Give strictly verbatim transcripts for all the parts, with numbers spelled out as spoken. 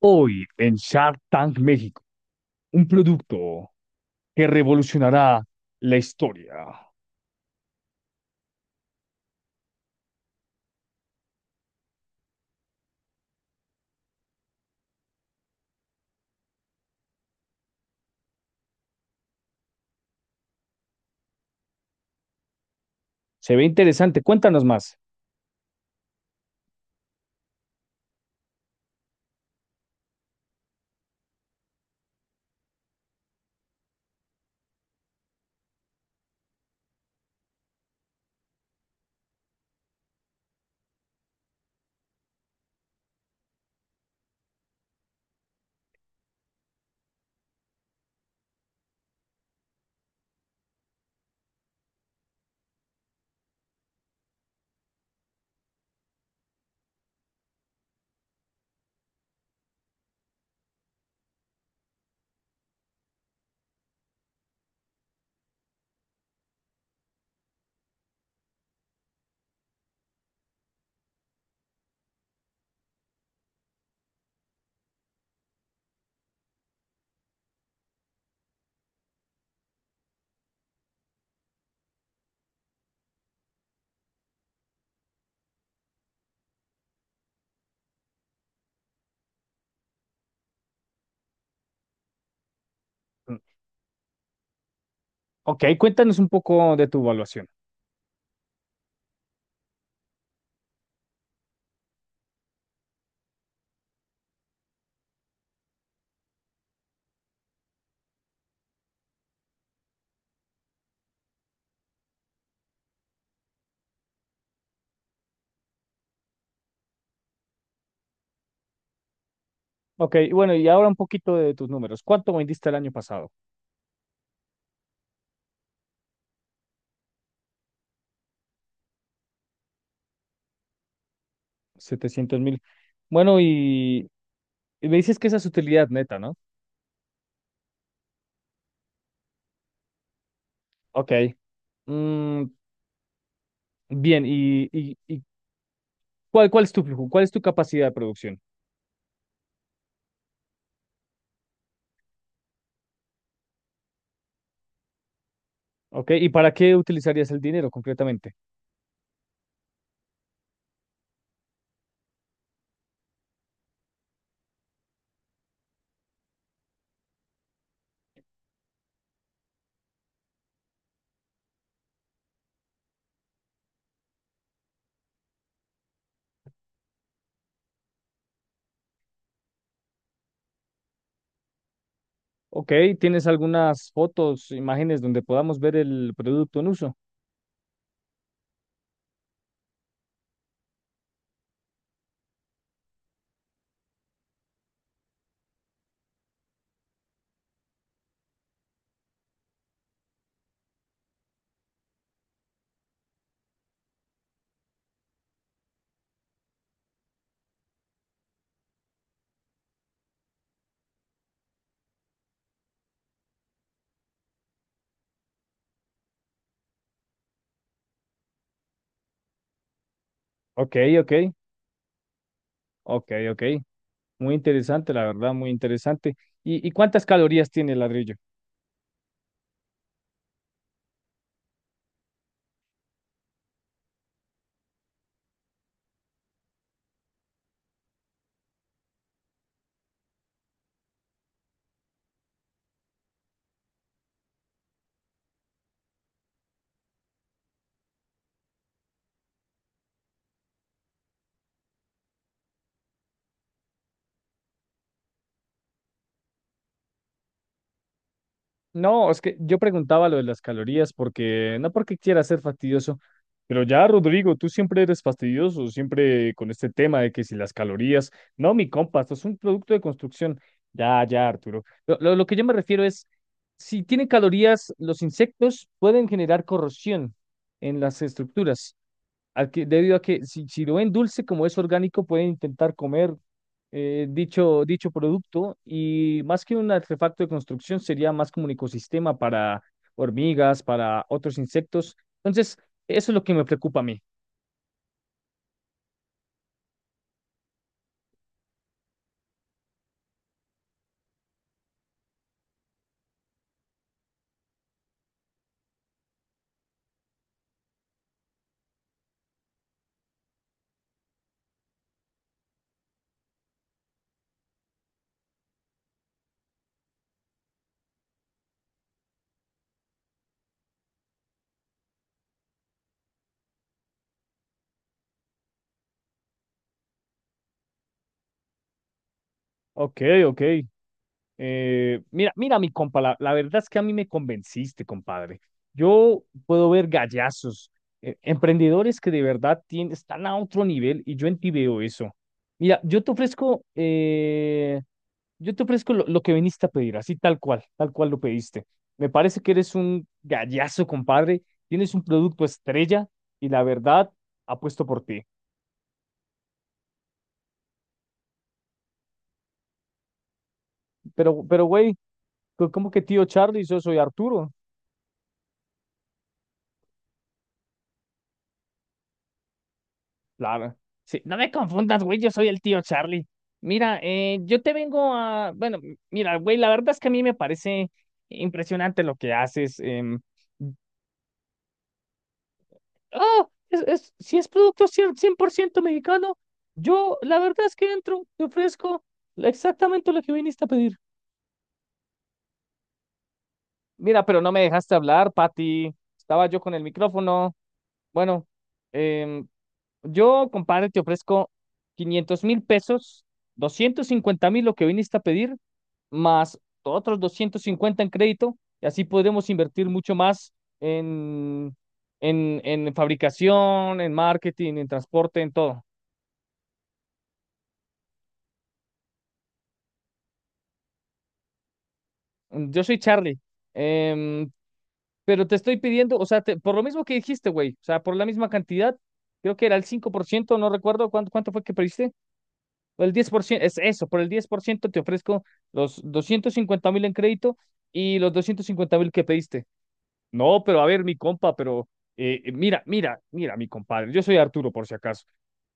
Hoy en Shark Tank México, un producto que revolucionará la historia. Se ve interesante. Cuéntanos más. Mm, Ok, cuéntanos un poco de tu evaluación. Ok, y bueno, y ahora un poquito de tus números. ¿Cuánto vendiste el año pasado? Setecientos mil. Bueno, y, y me dices que esa es utilidad neta, ¿no? Ok. Mm, bien, y, y, y ¿cuál, cuál es tu flujo? ¿Cuál es tu capacidad de producción? Ok, ¿y para qué utilizarías el dinero concretamente? Ok, ¿tienes algunas fotos, imágenes donde podamos ver el producto en uso? Ok, ok, ok, ok. Muy interesante, la verdad, muy interesante. ¿Y, y cuántas calorías tiene el ladrillo? No, es que yo preguntaba lo de las calorías porque no porque quiera ser fastidioso, pero ya, Rodrigo, tú siempre eres fastidioso, siempre con este tema de que si las calorías, no, mi compa, esto es un producto de construcción. Ya, ya, Arturo. Lo, lo, lo que yo me refiero es, si tienen calorías, los insectos pueden generar corrosión en las estructuras al que- debido a que si, si lo ven dulce, como es orgánico, pueden intentar comer eh, dicho, dicho producto, y más que un artefacto de construcción, sería más como un ecosistema para hormigas, para otros insectos. Entonces, eso es lo que me preocupa a mí. Ok, ok. Eh, mira, mira, mi compa, la, la verdad es que a mí me convenciste, compadre. Yo puedo ver gallazos, eh, emprendedores que de verdad tienen, están a otro nivel y yo en ti veo eso. Mira, yo te ofrezco, eh, yo te ofrezco lo, lo que viniste a pedir, así tal cual, tal cual lo pediste. Me parece que eres un gallazo, compadre. Tienes un producto estrella y la verdad apuesto por ti. Pero, pero, güey, co- ¿cómo que tío Charlie? Yo soy Arturo. Claro. Sí, no me confundas, güey, yo soy el tío Charlie. Mira, eh, yo te vengo a... Bueno, m- mira, güey, la verdad es que a mí me parece impresionante lo que haces. em, Ah, es, es- si es producto cien, cien por ciento mexicano, yo la verdad es que entro, te ofrezco exactamente lo que viniste a pedir. Mira, pero no me dejaste hablar, Patty. Estaba yo con el micrófono. Bueno, em, yo, compadre, te ofrezco quinientos mil pesos, doscientos cincuenta mil lo que viniste a pedir, más otros doscientos cincuenta en crédito, y así podremos invertir mucho más en, en, en fabricación, en marketing, en transporte, en todo. Yo soy Charlie, em, pero te estoy pidiendo, o sea, te- por lo mismo que dijiste, güey, o sea, por la misma cantidad, creo que era el cinco por ciento, no recuerdo cuánto, cuánto fue que pediste, o el diez por ciento, es eso, por el diez por ciento te ofrezco los doscientos cincuenta mil en crédito y los doscientos cincuenta mil que pediste. No, pero a ver, mi compa, pero eh, eh, mira, mira, mira, mi compadre, yo soy Arturo por si acaso.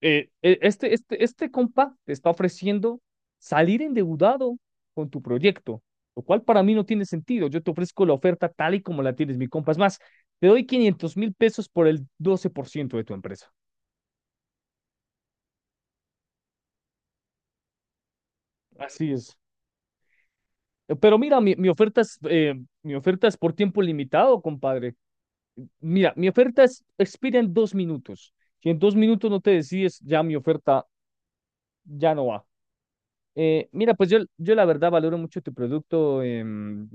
Eh, eh, este, este, este compa te está ofreciendo salir endeudado con tu proyecto, lo cual para mí no tiene sentido. Yo te ofrezco la oferta tal y como la tienes, mi compa. Es más, te doy quinientos mil pesos por el doce por ciento de tu empresa. Así es. Eh, Pero mira, mi, mi oferta es, eh, mi oferta es por tiempo limitado, compadre. Mira, mi oferta es, expira en dos minutos. Si en dos minutos no te decides, ya mi oferta ya no va. Eh, mira, pues yo, yo la verdad valoro mucho tu producto. em,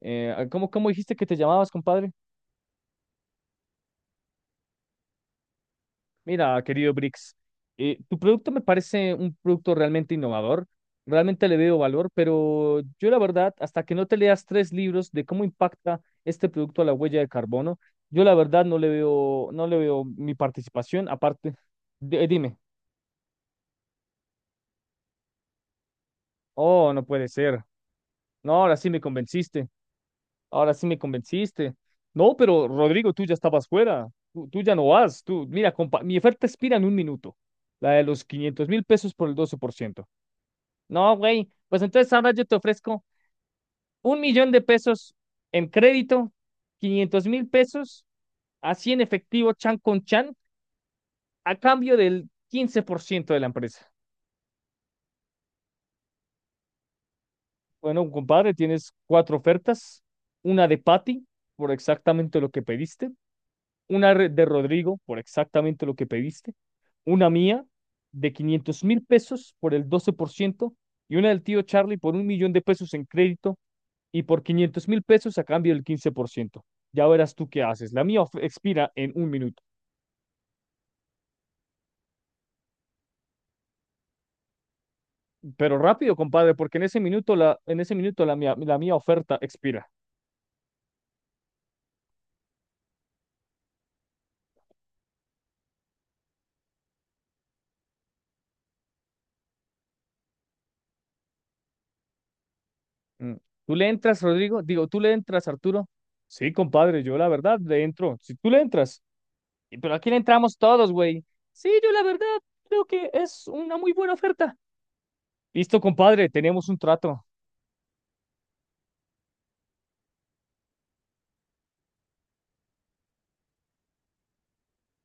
eh, ¿cómo, cómo dijiste que te llamabas, compadre? Mira, querido Brix, eh, tu producto me parece un producto realmente innovador. Realmente le veo valor, pero yo la verdad, hasta que no te leas tres libros de cómo impacta este producto a la huella de carbono, yo la verdad no le veo, no le veo mi participación. Aparte, de- dime, oh, no puede ser. No, ahora sí me convenciste. Ahora sí me convenciste. No, pero Rodrigo, tú ya estabas fuera. Tú, tú ya no vas. Tú, mira, compa, mi oferta expira en un minuto. La de los quinientos mil pesos por el doce por ciento. No, güey. Pues entonces ahora yo te ofrezco un millón de pesos en crédito, quinientos mil pesos, así en efectivo, chan con chan, a cambio del quince por ciento de la empresa. Bueno, compadre, tienes cuatro ofertas. Una de Patty, por exactamente lo que pediste. Una re- de Rodrigo, por exactamente lo que pediste, una mía de quinientos mil pesos por el doce por ciento, y una del tío Charlie por un millón de pesos en crédito y por quinientos mil pesos a cambio del quince por ciento. Ya verás tú qué haces. La mía of- expira en un minuto. Pero rápido, compadre, porque en ese minuto la, en ese minuto la mía, la mía oferta expira. Mm. ¿Tú le entras, Rodrigo? Digo, ¿tú le entras, Arturo? Sí, compadre, yo la verdad le entro. Si tú le entras. "Y, pero aquí le entramos todos, güey. Sí, yo la verdad creo que es una muy buena oferta. Listo, compadre, tenemos un trato.